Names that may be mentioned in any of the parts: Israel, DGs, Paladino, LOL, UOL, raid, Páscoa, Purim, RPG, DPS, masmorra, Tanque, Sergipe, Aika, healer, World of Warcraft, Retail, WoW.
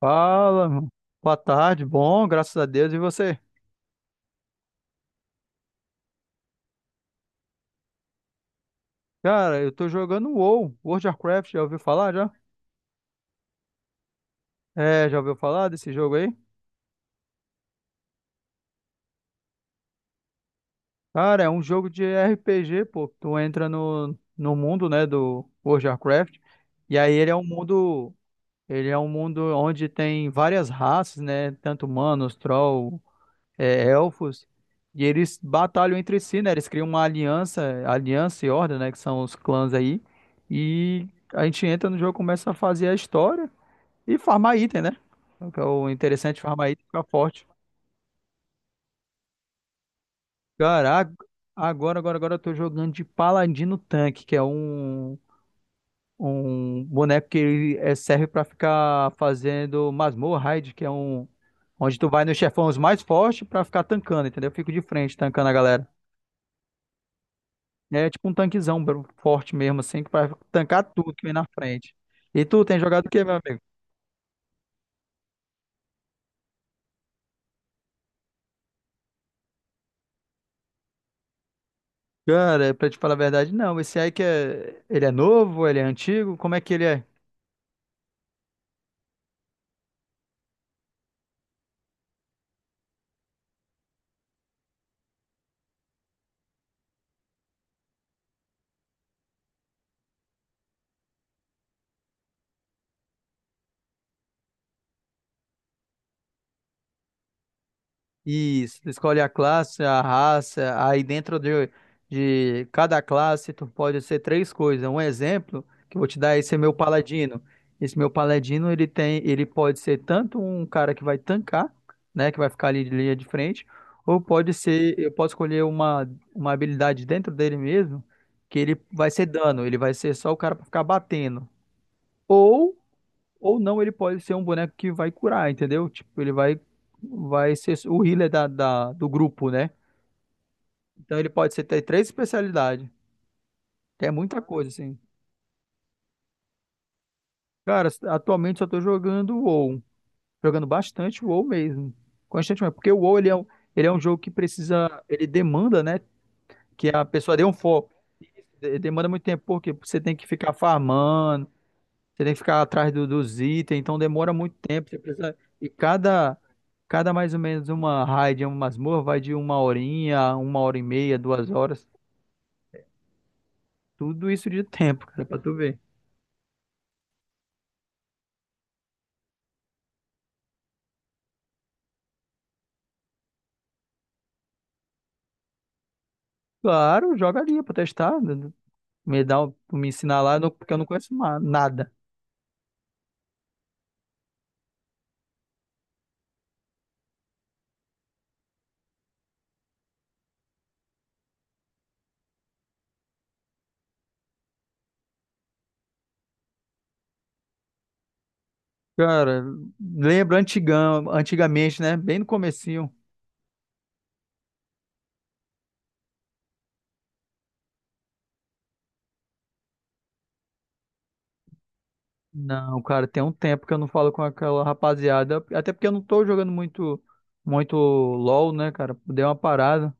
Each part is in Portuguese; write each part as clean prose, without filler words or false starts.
Fala, mano. Boa tarde, bom, graças a Deus. E você? Cara, eu tô jogando WoW, World of Warcraft, já ouviu falar já? É, já ouviu falar desse jogo aí? Cara, é um jogo de RPG, pô. Tu entra no mundo, né, do World of Warcraft, e aí ele é um mundo, onde tem várias raças, né, tanto humanos, troll, elfos, e eles batalham entre si, né? Eles criam uma aliança, e horda, né? Que são os clãs aí. E a gente entra no jogo, começa a fazer a história e farmar item, né? O que é o interessante, farmar item e ficar forte. Cara, agora eu tô jogando de Paladino Tanque, que é um boneco que ele, serve pra ficar fazendo masmorra raid, que é um. Onde tu vai nos chefões mais fortes pra ficar tancando, entendeu? Eu fico de frente tancando a galera. É tipo um tanquezão bro, forte mesmo, assim, que vai tancar tudo que vem na frente. E tu, tem jogado o quê, meu amigo? Cara, pra te falar a verdade, não. Esse aí que é. Ele é novo, ele é antigo, como é que ele é? Isso, tu escolhe a classe, a raça, aí dentro de cada classe tu pode ser três coisas. Um exemplo que eu vou te dar, esse é meu paladino. Esse meu paladino, ele tem, ele pode ser tanto um cara que vai tancar, né, que vai ficar ali de linha de frente, ou pode ser, eu posso escolher uma habilidade dentro dele mesmo, que ele vai ser dano, ele vai ser só o cara pra ficar batendo. ou ou não, ele pode ser um boneco que vai curar, entendeu? Tipo, ele vai ser o healer do grupo, né? Então ele pode ser ter três especialidades, que é muita coisa, assim. Cara, atualmente só tô jogando o WoW. Jogando bastante o WoW mesmo. Constantemente. Porque o WoW, ele é um jogo que precisa. Ele demanda, né? Que a pessoa dê um foco. Demanda muito tempo, porque você tem que ficar farmando. Você tem que ficar atrás dos itens, então demora muito tempo. Você precisa. E cada mais ou menos uma raid, uma masmorra, vai de uma horinha, uma hora e meia, duas horas. Tudo isso de tempo, cara, pra tu ver. Claro, joga ali pra testar, né. Me ensinar lá, porque eu não conheço nada. Cara, lembra antigamente, né? Bem no comecinho. Não, cara, tem um tempo que eu não falo com aquela rapaziada. Até porque eu não tô jogando muito, muito LOL, né, cara? Dei uma parada.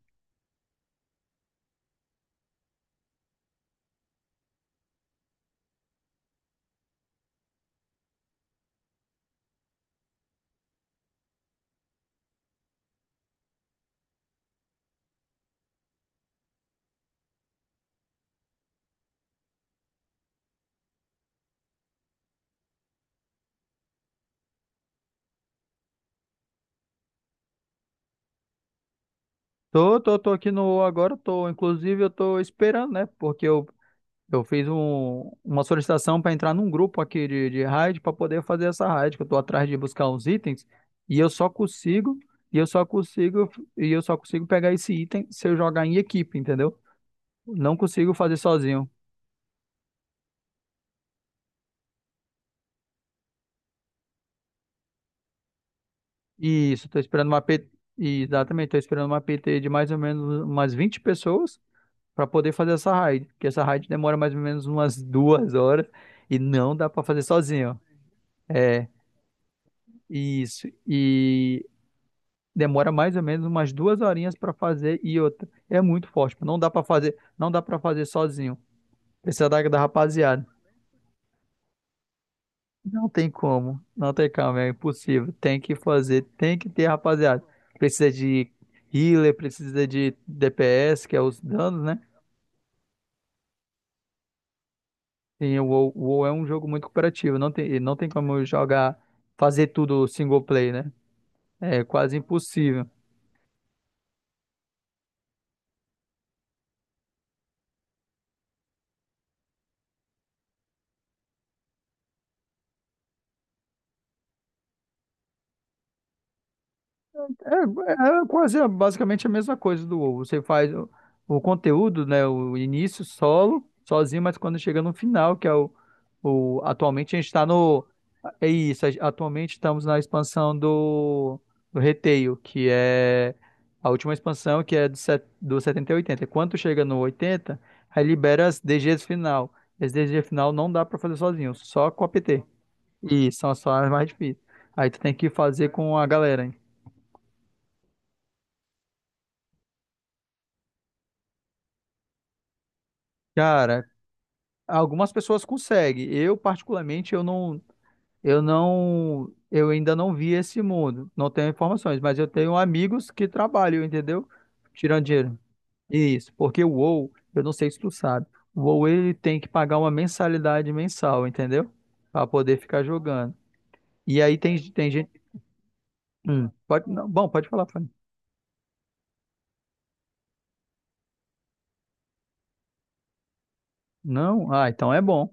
Tô aqui no UOL agora, tô, inclusive eu tô esperando, né? Porque eu fiz uma solicitação para entrar num grupo aqui de raid para poder fazer essa raid, que eu tô atrás de buscar uns itens e eu só consigo, e eu só consigo, e eu só consigo pegar esse item se eu jogar em equipe, entendeu? Não consigo fazer sozinho. Isso, tô esperando uma PT, exatamente, tô esperando uma PT de mais ou menos umas 20 pessoas para poder fazer essa raid, porque essa raid demora mais ou menos umas 2 horas e não dá para fazer sozinho. Isso. E demora mais ou menos umas 2 horinhas para fazer e outra. É muito forte, pô. Não dá para fazer sozinho. Precisa da rapaziada. Não tem como. Não tem como, é impossível. Tem que ter rapaziada. Precisa de healer, precisa de DPS, que é os danos, né? E o WoW, é um jogo muito cooperativo. Não tem como jogar, fazer tudo single play, né? É quase impossível. É quase basicamente a mesma coisa do WoW. Você faz o conteúdo, né? O início solo, sozinho, mas quando chega no final, que é o atualmente a gente está no atualmente estamos na expansão do Retail, que é a última expansão, que é do, set, do 70 e 80. Quando chega no 80, aí libera as DGs final. As DGs final não dá para fazer sozinho, só com a PT. E são as fases mais difíceis. Aí tu tem que fazer com a galera, hein? Cara, algumas pessoas conseguem. Eu, particularmente, eu ainda não vi esse mundo. Não tenho informações, mas eu tenho amigos que trabalham, entendeu? Tirando dinheiro. Isso, porque o WoW, eu não sei se tu sabe, o WoW ele tem que pagar uma mensalidade mensal, entendeu? Para poder ficar jogando. E aí tem gente. Pode falar, Fanny. Não? Ah, então é bom.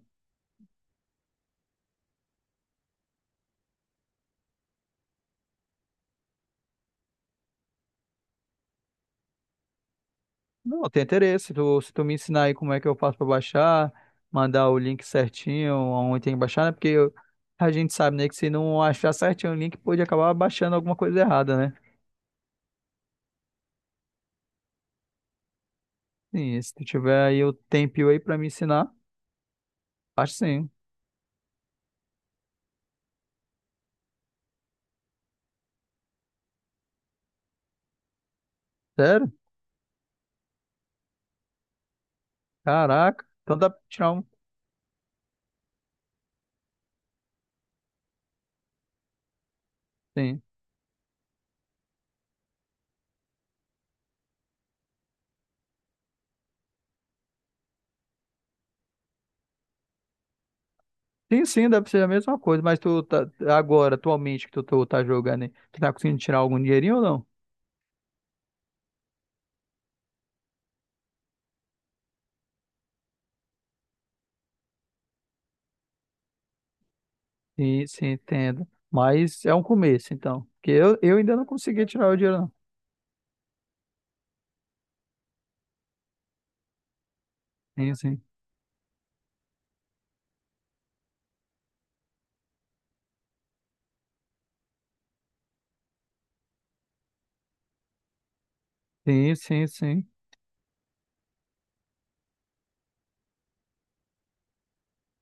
Não, tem interesse. Tu, se tu me ensinar aí como é que eu faço pra baixar, mandar o link certinho, onde tem que baixar, né? A gente sabe, né, que se não achar certinho o link, pode acabar baixando alguma coisa errada, né? Sim, se tu tiver aí o tempinho aí pra me ensinar, acho sim. Sério? Caraca. Então dá pra tirar um. Sim. Sim, sim, deve ser a mesma coisa, mas tu tá agora, atualmente que tu tá jogando, aí, tu tá conseguindo tirar algum dinheirinho ou não? Sim, sim, entendo. Mas é um começo, então. Porque eu ainda não consegui tirar o dinheiro, não. Sim, sim. Sim, sim, sim.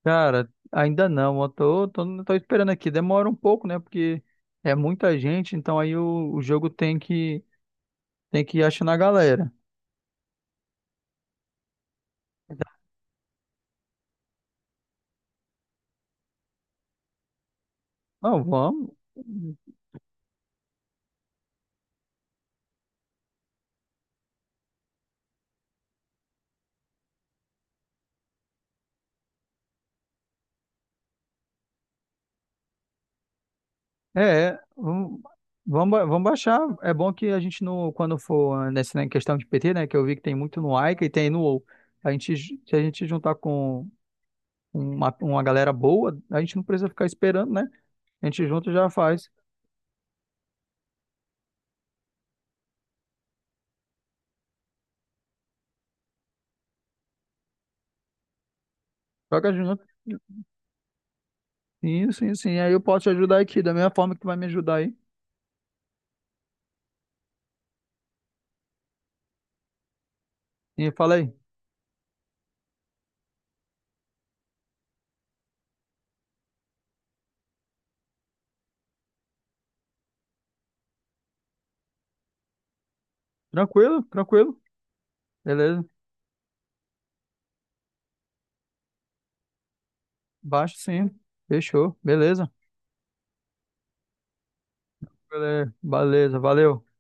Cara, ainda não. Eu tô esperando aqui. Demora um pouco, né? Porque é muita gente, então aí o jogo tem que ir achando a galera. Não, vamos. É, vamos baixar. É bom que a gente, no, quando for nessa né, questão de PT, né? Que eu vi que tem muito no Aika e tem no WoW. A gente, se a gente juntar com uma galera boa, a gente não precisa ficar esperando, né? A gente junto já faz. Joga junto. Sim, sim, sim. Aí eu posso te ajudar aqui, da mesma forma que vai me ajudar aí. E fala aí. Tranquilo, tranquilo. Beleza. Baixo sim. Fechou. Beleza. Beleza, beleza. Valeu.